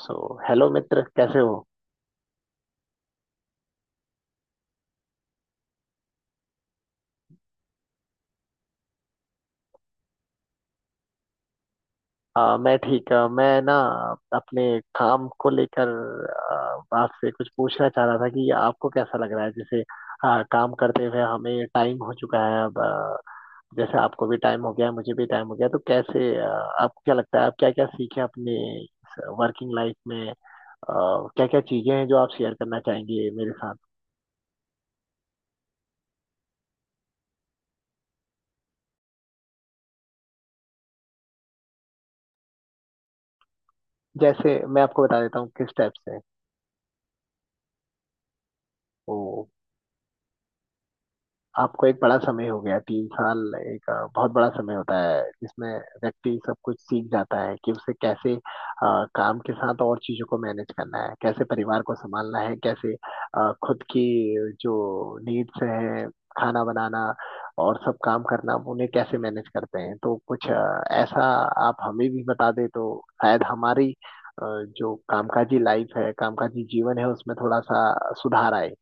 सो hello मित्र, कैसे हो। मैं ठीक, मैं ना अपने काम को लेकर आपसे कुछ पूछना चाह रहा था कि आपको कैसा लग रहा है। जैसे काम करते हुए हमें टाइम हो चुका है अब, जैसे आपको भी टाइम हो गया है, मुझे भी टाइम हो गया है, तो कैसे, आपको क्या लगता है आप क्या क्या सीखे अपने वर्किंग लाइफ में, क्या क्या चीजें हैं जो आप शेयर करना चाहेंगे मेरे साथ। जैसे मैं आपको बता देता हूँ किस टाइप से, आपको एक बड़ा समय हो गया। 3 साल एक बहुत बड़ा समय होता है जिसमें व्यक्ति सब कुछ सीख जाता है कि उसे कैसे काम के साथ और चीजों को मैनेज करना है, कैसे परिवार को संभालना है, कैसे खुद की जो नीड्स हैं, खाना बनाना और सब काम करना, उन्हें कैसे मैनेज करते हैं। तो कुछ ऐसा आप हमें भी बता दें तो शायद हमारी जो कामकाजी लाइफ है, कामकाजी जीवन है, उसमें थोड़ा सा सुधार आए।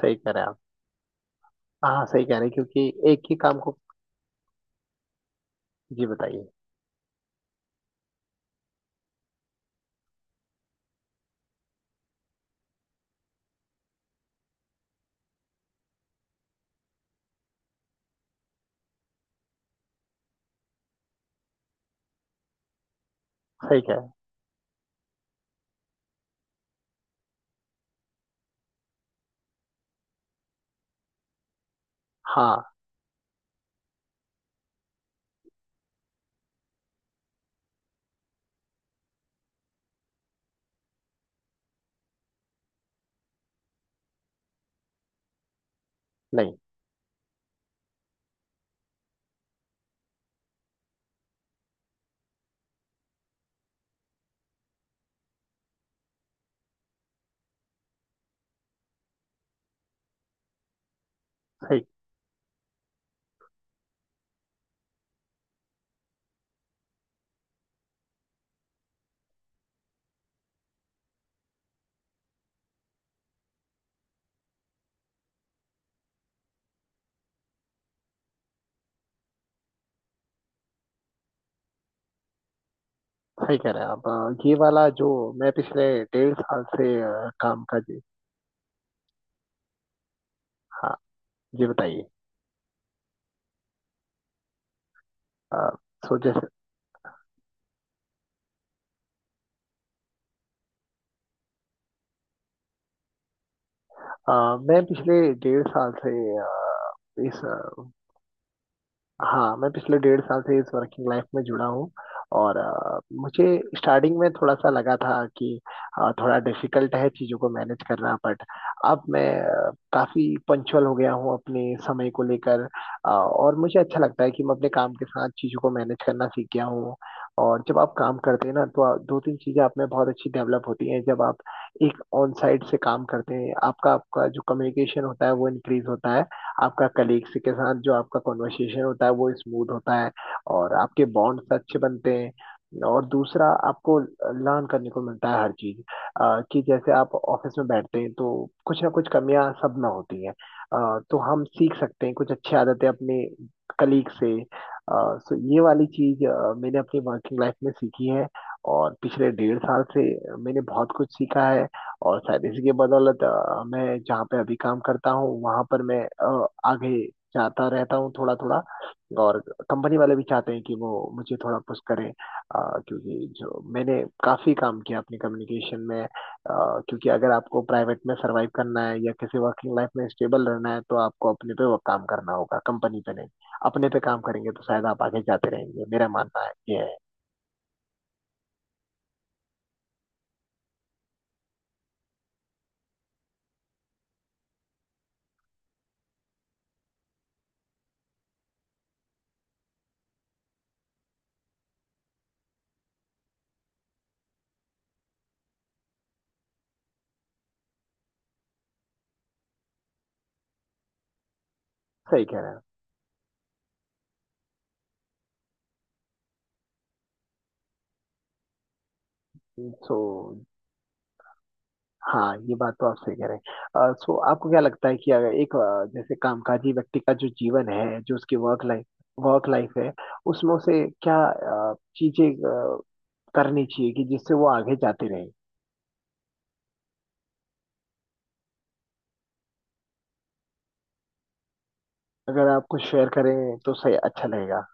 सही करें। हाँ, सही कह रहे हैं, क्योंकि एक ही काम को। जी बताइए। सही कह रहे हैं। हाँ। नहीं। सही। सही कह रहे हैं आप। ये वाला जो मैं पिछले 1.5 साल से काम का। जी। हाँ। जी बताइए। अ, सो जैसे मैं पिछले 1.5 साल से अ, इस, हाँ मैं पिछले 1.5 साल से इस वर्किंग लाइफ में जुड़ा हूँ और मुझे स्टार्टिंग में थोड़ा सा लगा था कि थोड़ा डिफिकल्ट है चीज़ों को मैनेज करना, बट अब मैं काफ़ी पंचुअल हो गया हूँ अपने समय को लेकर। और मुझे अच्छा लगता है कि मैं अपने काम के साथ चीज़ों को मैनेज करना सीख गया हूँ। और जब आप काम करते हैं ना तो दो तीन चीज़ें आप में बहुत अच्छी डेवलप होती हैं जब आप एक ऑन साइट से काम करते हैं। आपका आपका जो कम्युनिकेशन होता है वो इंक्रीज होता है, आपका कलीग्स के साथ जो आपका कॉन्वर्सेशन होता है वो स्मूथ होता है, और आपके बॉन्ड्स अच्छे बनते हैं। और दूसरा, आपको लर्न करने को मिलता है हर चीज, कि जैसे आप ऑफिस में बैठते हैं तो कुछ ना कुछ कमियां सब में होती हैं, तो हम सीख सकते हैं कुछ अच्छी आदतें अपने कलीग से। सो ये वाली चीज मैंने अपनी वर्किंग लाइफ में सीखी है, और पिछले 1.5 साल से मैंने बहुत कुछ सीखा है। और शायद इसी की बदौलत मैं जहाँ पे अभी काम करता हूँ वहां पर मैं आगे जाता रहता हूँ थोड़ा थोड़ा। और कंपनी वाले भी चाहते हैं कि वो मुझे थोड़ा पुश करें, क्योंकि जो मैंने काफी काम किया अपनी कम्युनिकेशन में, क्योंकि अगर आपको प्राइवेट में सरवाइव करना है या किसी वर्किंग लाइफ में स्टेबल रहना है तो आपको अपने पे वो काम करना होगा, कंपनी पे नहीं। अपने पे काम करेंगे तो शायद आप आगे जाते रहेंगे, मेरा मानना है ये है। सही कह रहे हैं। सो हाँ, ये बात तो आप सही कह रहे हैं। सो आपको क्या लगता है कि अगर एक जैसे कामकाजी व्यक्ति का जो जीवन है, जो उसकी वर्क लाइफ है, उसमें उसे क्या चीजें करनी चाहिए कि जिससे वो आगे जाते रहे। अगर आप कुछ शेयर करें तो सही, अच्छा लगेगा।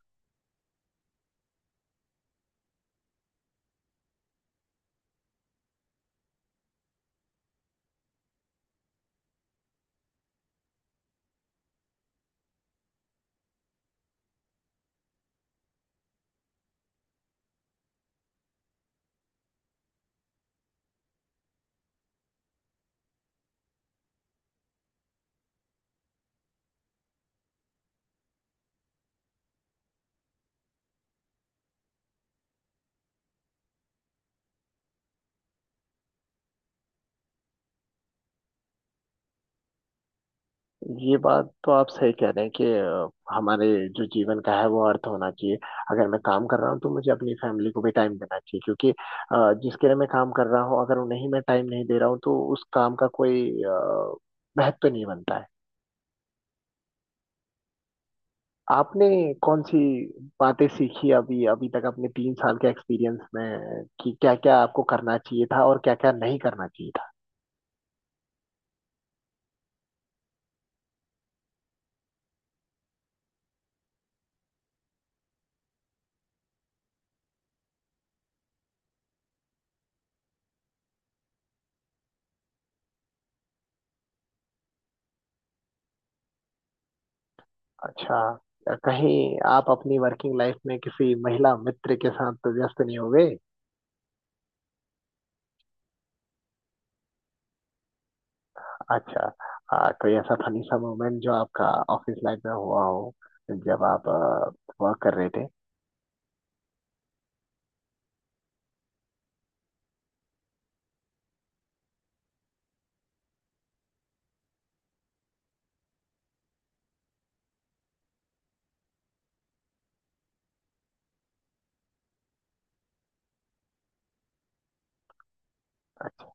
ये बात तो आप सही कह रहे हैं कि हमारे जो जीवन का है वो अर्थ होना चाहिए। अगर मैं काम कर रहा हूँ तो मुझे अपनी फैमिली को भी टाइम देना चाहिए क्योंकि जिसके लिए मैं काम कर रहा हूँ, अगर उन्हें ही मैं टाइम नहीं दे रहा हूँ तो उस काम का कोई महत्व नहीं बनता है। आपने कौन सी बातें सीखी अभी, अभी तक अपने 3 साल के एक्सपीरियंस में, कि क्या क्या आपको करना चाहिए था और क्या क्या नहीं करना चाहिए था। अच्छा, कहीं आप अपनी वर्किंग लाइफ में किसी महिला मित्र के साथ तो व्यस्त नहीं हो गए? अच्छा। कोई ऐसा फनी सा मोमेंट जो आपका ऑफिस लाइफ में हुआ हो जब आप वर्क कर रहे थे? अच्छा।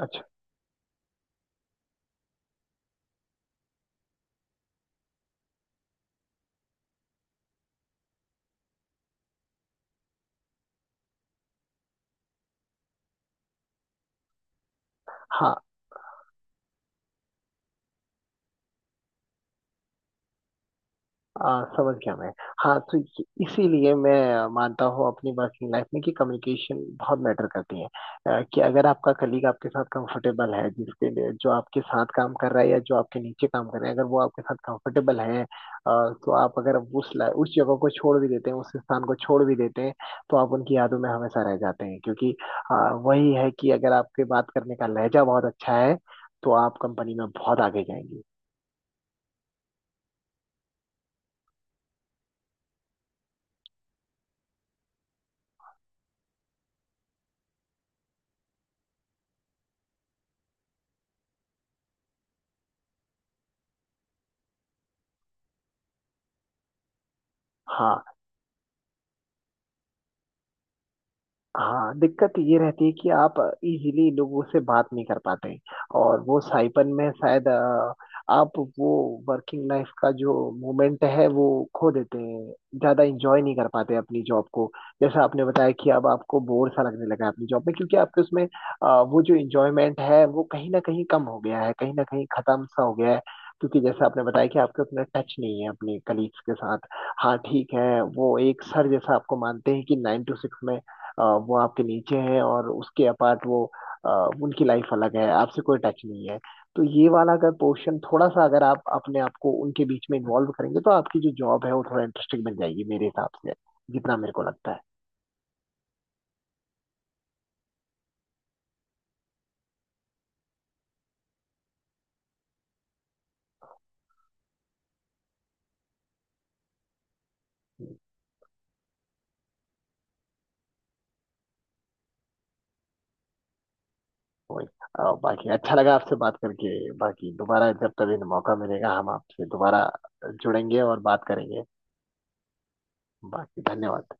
अच्छा। हाँ। समझ गया मैं। हाँ, तो इसीलिए मैं मानता हूँ अपनी वर्किंग लाइफ में कि कम्युनिकेशन बहुत मैटर करती है। कि अगर आपका कलीग आपके साथ कंफर्टेबल है, जिसके लिए जो आपके साथ काम कर रहा है या जो आपके नीचे काम कर रहे हैं, अगर वो आपके साथ कंफर्टेबल है, तो आप अगर उस जगह को छोड़ भी देते हैं, उस स्थान को छोड़ भी देते हैं, तो आप उनकी यादों में हमेशा रह जाते हैं क्योंकि वही है कि अगर आपके बात करने का लहजा बहुत अच्छा है तो आप कंपनी में बहुत आगे जाएंगे। हाँ। हाँ, दिक्कत ये रहती है कि आप इजीली लोगों से बात नहीं कर पाते, और वो साइपन में शायद आप वो वर्किंग लाइफ का जो मोमेंट है वो खो देते हैं, ज्यादा इंजॉय नहीं कर पाते अपनी जॉब को। जैसा आपने बताया कि अब आपको बोर सा लगने लगा है अपनी जॉब में, क्योंकि आपके उसमें वो जो इंजॉयमेंट है वो कहीं ना कहीं कम हो गया है, कहीं ना कहीं खत्म सा हो गया है, क्योंकि जैसा आपने बताया कि आपके उतना टच नहीं है अपने कलीग्स के साथ। हाँ ठीक है, वो एक सर जैसा आपको मानते हैं कि 9 to 6 में वो आपके नीचे है और उसके अपार्ट वो अ, उनकी लाइफ अलग है, आपसे कोई टच नहीं है। तो ये वाला अगर पोर्शन थोड़ा सा अगर आप अपने आप को उनके बीच में इन्वॉल्व करेंगे तो आपकी जो जॉब है वो थोड़ा इंटरेस्टिंग बन जाएगी, मेरे हिसाब से जितना मेरे को लगता है। वही। बाकी अच्छा लगा आपसे बात करके, बाकी दोबारा जब तभी मौका मिलेगा हम आपसे दोबारा जुड़ेंगे और बात करेंगे। बाकी धन्यवाद।